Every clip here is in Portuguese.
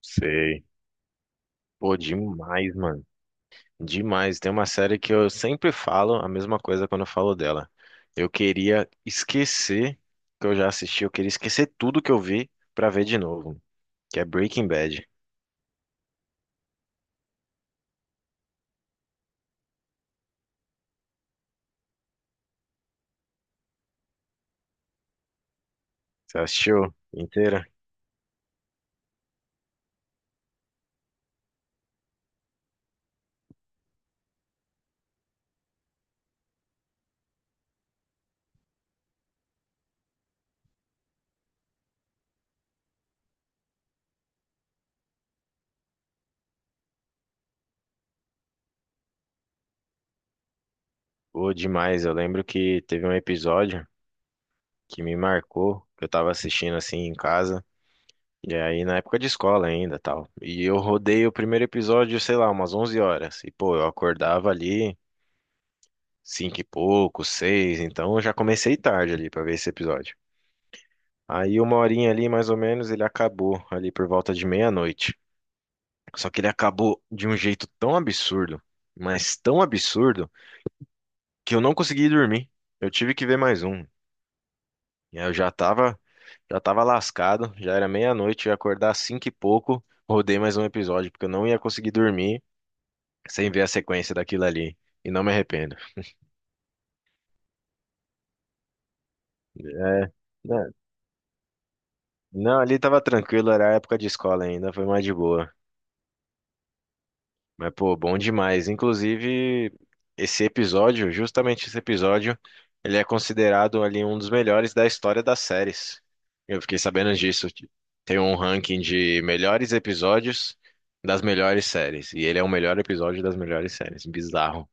Sei. Pô, demais, mano. Demais. Tem uma série que eu sempre falo a mesma coisa quando eu falo dela. Eu queria esquecer que eu já assisti, eu queria esquecer tudo que eu vi pra ver de novo, que é Breaking Bad. Você assistiu inteira? Pô, demais. Eu lembro que teve um episódio que me marcou, que eu tava assistindo assim em casa, e aí na época de escola ainda, tal. E eu rodei o primeiro episódio, sei lá, umas 11 horas. E pô, eu acordava ali cinco e pouco, seis, então eu já comecei tarde ali pra ver esse episódio. Aí uma horinha ali, mais ou menos, ele acabou ali por volta de meia-noite. Só que ele acabou de um jeito tão absurdo, mas tão absurdo, que eu não consegui dormir. Eu tive que ver mais um. E aí eu já tava lascado, já era meia-noite, eu ia acordar às cinco e pouco, rodei mais um episódio, porque eu não ia conseguir dormir sem ver a sequência daquilo ali. E não me arrependo. É, né, não, ali tava tranquilo, era época de escola ainda, foi mais de boa. Mas, pô, bom demais. Inclusive, justamente esse episódio, ele é considerado ali um dos melhores da história das séries. Eu fiquei sabendo disso. Tem um ranking de melhores episódios das melhores séries. E ele é o melhor episódio das melhores séries. Bizarro.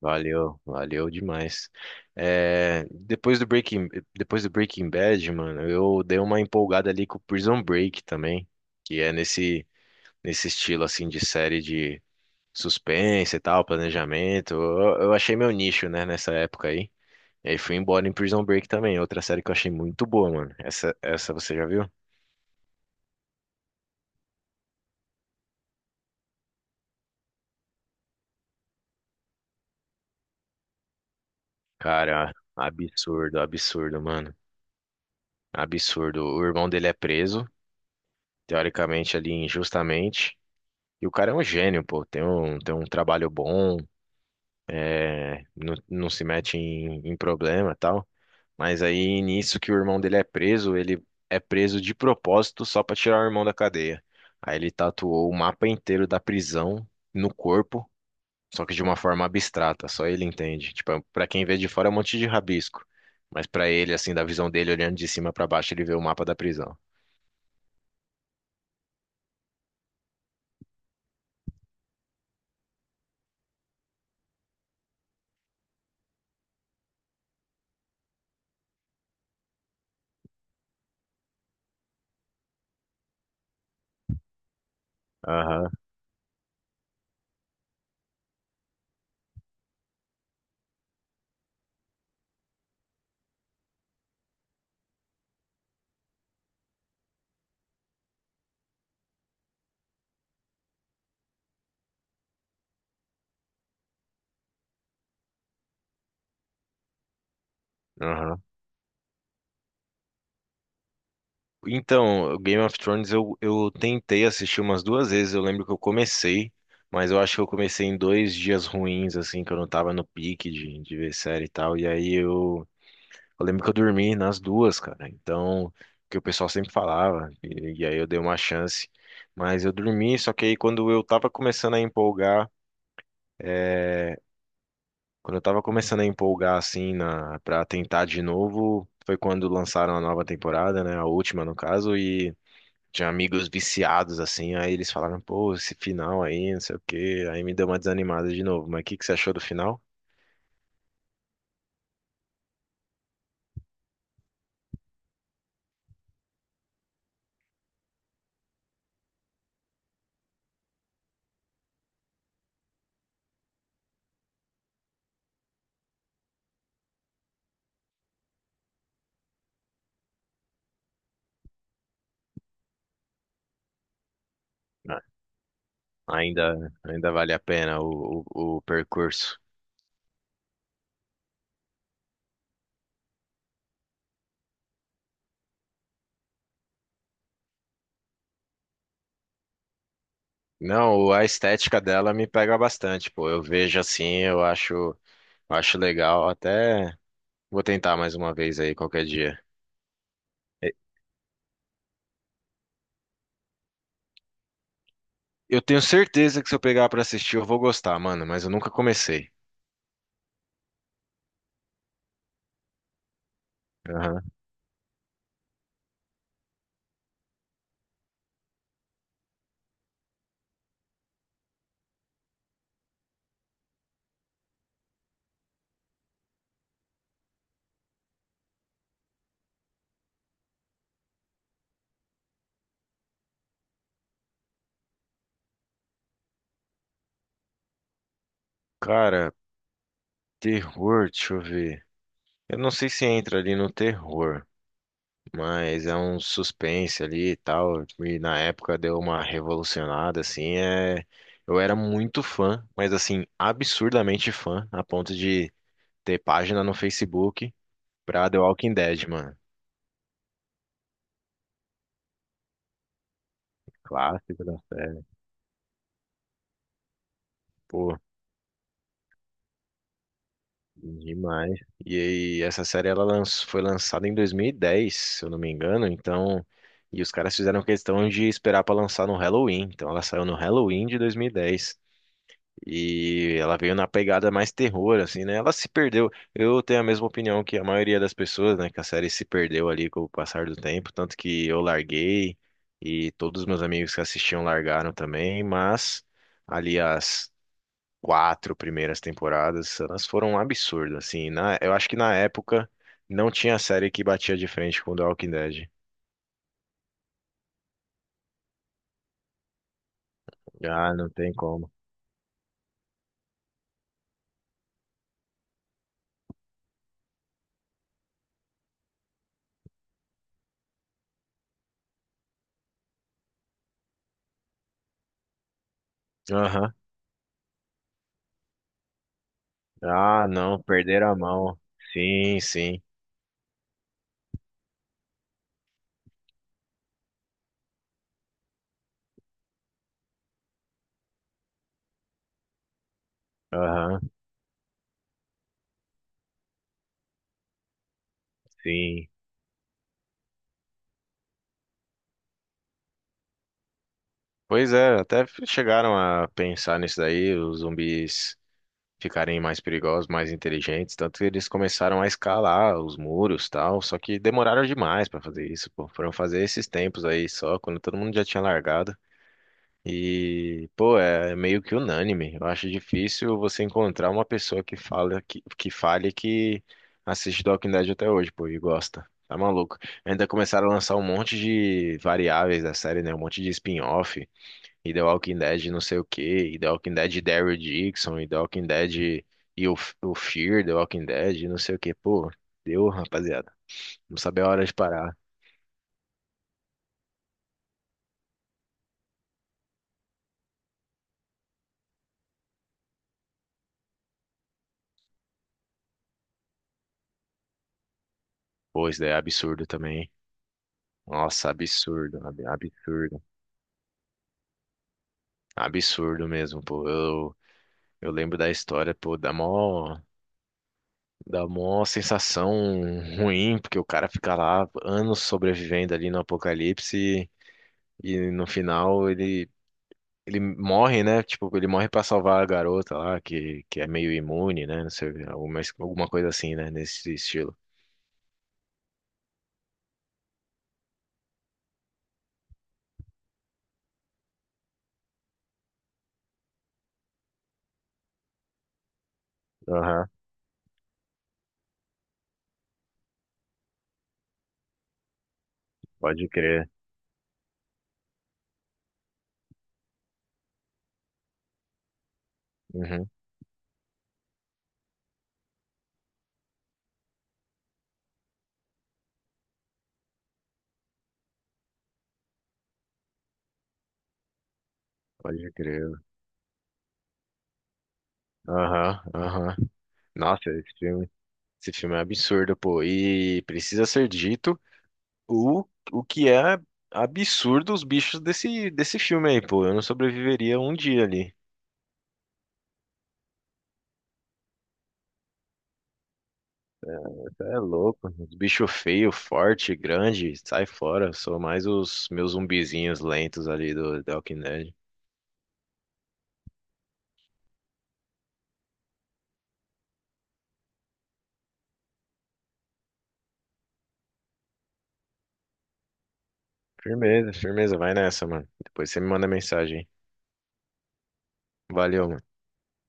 Valeu, valeu demais. É, depois do Breaking Bad, mano, eu dei uma empolgada ali com o Prison Break também, que é nesse estilo assim de série de suspense e tal, planejamento. Eu achei meu nicho, né, nessa época aí. E aí fui embora em Prison Break também, outra série que eu achei muito boa, mano. Essa você já viu? Cara, absurdo, absurdo, mano. Absurdo. O irmão dele é preso, teoricamente ali injustamente. E o cara é um gênio, pô. Tem um trabalho bom, é, não, não se mete em, em problema e tal. Mas aí, nisso que o irmão dele é preso, ele é preso de propósito só pra tirar o irmão da cadeia. Aí ele tatuou o mapa inteiro da prisão no corpo, só que de uma forma abstrata, só ele entende. Tipo, é um, pra quem vê de fora é um monte de rabisco, mas pra ele, assim, da visão dele, olhando de cima pra baixo, ele vê o mapa da prisão. Aham, aham. Então, Game of Thrones eu tentei assistir umas duas vezes. Eu lembro que eu comecei, mas eu acho que eu comecei em dois dias ruins, assim, que eu não tava no pique de ver série e tal. E aí eu lembro que eu dormi nas duas, cara. Então, que o pessoal sempre falava, e aí eu dei uma chance. Mas eu dormi, só que aí quando eu tava começando a empolgar, é, quando eu tava começando a empolgar, assim, na, pra tentar de novo, foi quando lançaram a nova temporada, né? A última, no caso, e. Tinha amigos viciados, assim, aí eles falaram, pô, esse final aí, não sei o quê. Aí me deu uma desanimada de novo. Mas o que que você achou do final? Ah, ainda, ainda vale a pena o percurso. Não, a estética dela me pega bastante, pô. Eu vejo assim, eu acho legal. Até vou tentar mais uma vez aí qualquer dia. E- Eu tenho certeza que se eu pegar pra assistir, eu vou gostar, mano, mas eu nunca comecei. Aham. Cara, terror, deixa eu ver. Eu não sei se entra ali no terror. Mas é um suspense ali e tal. E na época deu uma revolucionada, assim. Eu era muito fã, mas assim, absurdamente fã, a ponto de ter página no Facebook pra The Walking Dead, mano. Clássico da série. Pô, demais. E aí, essa série ela lanç- foi lançada em 2010, se eu não me engano, então. E os caras fizeram questão de esperar pra lançar no Halloween. Então ela saiu no Halloween de 2010. E ela veio na pegada mais terror, assim, né? Ela se perdeu. Eu tenho a mesma opinião que a maioria das pessoas, né? Que a série se perdeu ali com o passar do tempo. Tanto que eu larguei e todos os meus amigos que assistiam largaram também. Mas ali as quatro primeiras temporadas, elas foram um absurdo, assim. Na, eu acho que na época não tinha série que batia de frente com The Walking Dead. Ah, não tem como. Aham. Ah, não, perderam a mão. Sim, sim. Aham, sim. Pois é, até chegaram a pensar nisso daí, os zumbis ficarem mais perigosos, mais inteligentes, tanto que eles começaram a escalar os muros, tal, só que demoraram demais pra fazer isso, pô. Foram fazer esses tempos aí só, quando todo mundo já tinha largado. E, pô, é meio que unânime. Eu acho difícil você encontrar uma pessoa que fala que fale que assiste The Walking Dead até hoje, pô, e gosta. Tá maluco. Ainda começaram a lançar um monte de variáveis da série, né? Um monte de spin-off. E The Walking Dead não sei o quê, e The Walking Dead Daryl Dixon, e The Walking Dead e o Fear, The Walking Dead, e não sei o quê. Pô, deu, rapaziada. Não sabia a hora de parar. Pô, isso daí é absurdo também, hein? Nossa, absurdo, ab- absurdo. Absurdo mesmo, pô. Eu lembro da história, pô, dá mó sensação ruim, porque o cara fica lá anos sobrevivendo ali no apocalipse e no final ele morre, né? Tipo, ele morre pra salvar a garota lá, que é meio imune, né? Não sei, alguma, alguma coisa assim, né? Nesse estilo. Aham, pode crer. Uhum, pode crer. Aham, aham. Nossa, esse filme é absurdo, pô. E precisa ser dito o, o que é absurdo os bichos desse, desse filme aí, pô. Eu não sobreviveria um dia ali. Você é louco, os bichos feios, forte, grande, sai fora. Sou mais os meus zumbizinhos lentos ali do Walking Dead. Firmeza, firmeza, vai nessa, mano. Depois você me manda mensagem. Valeu, mano.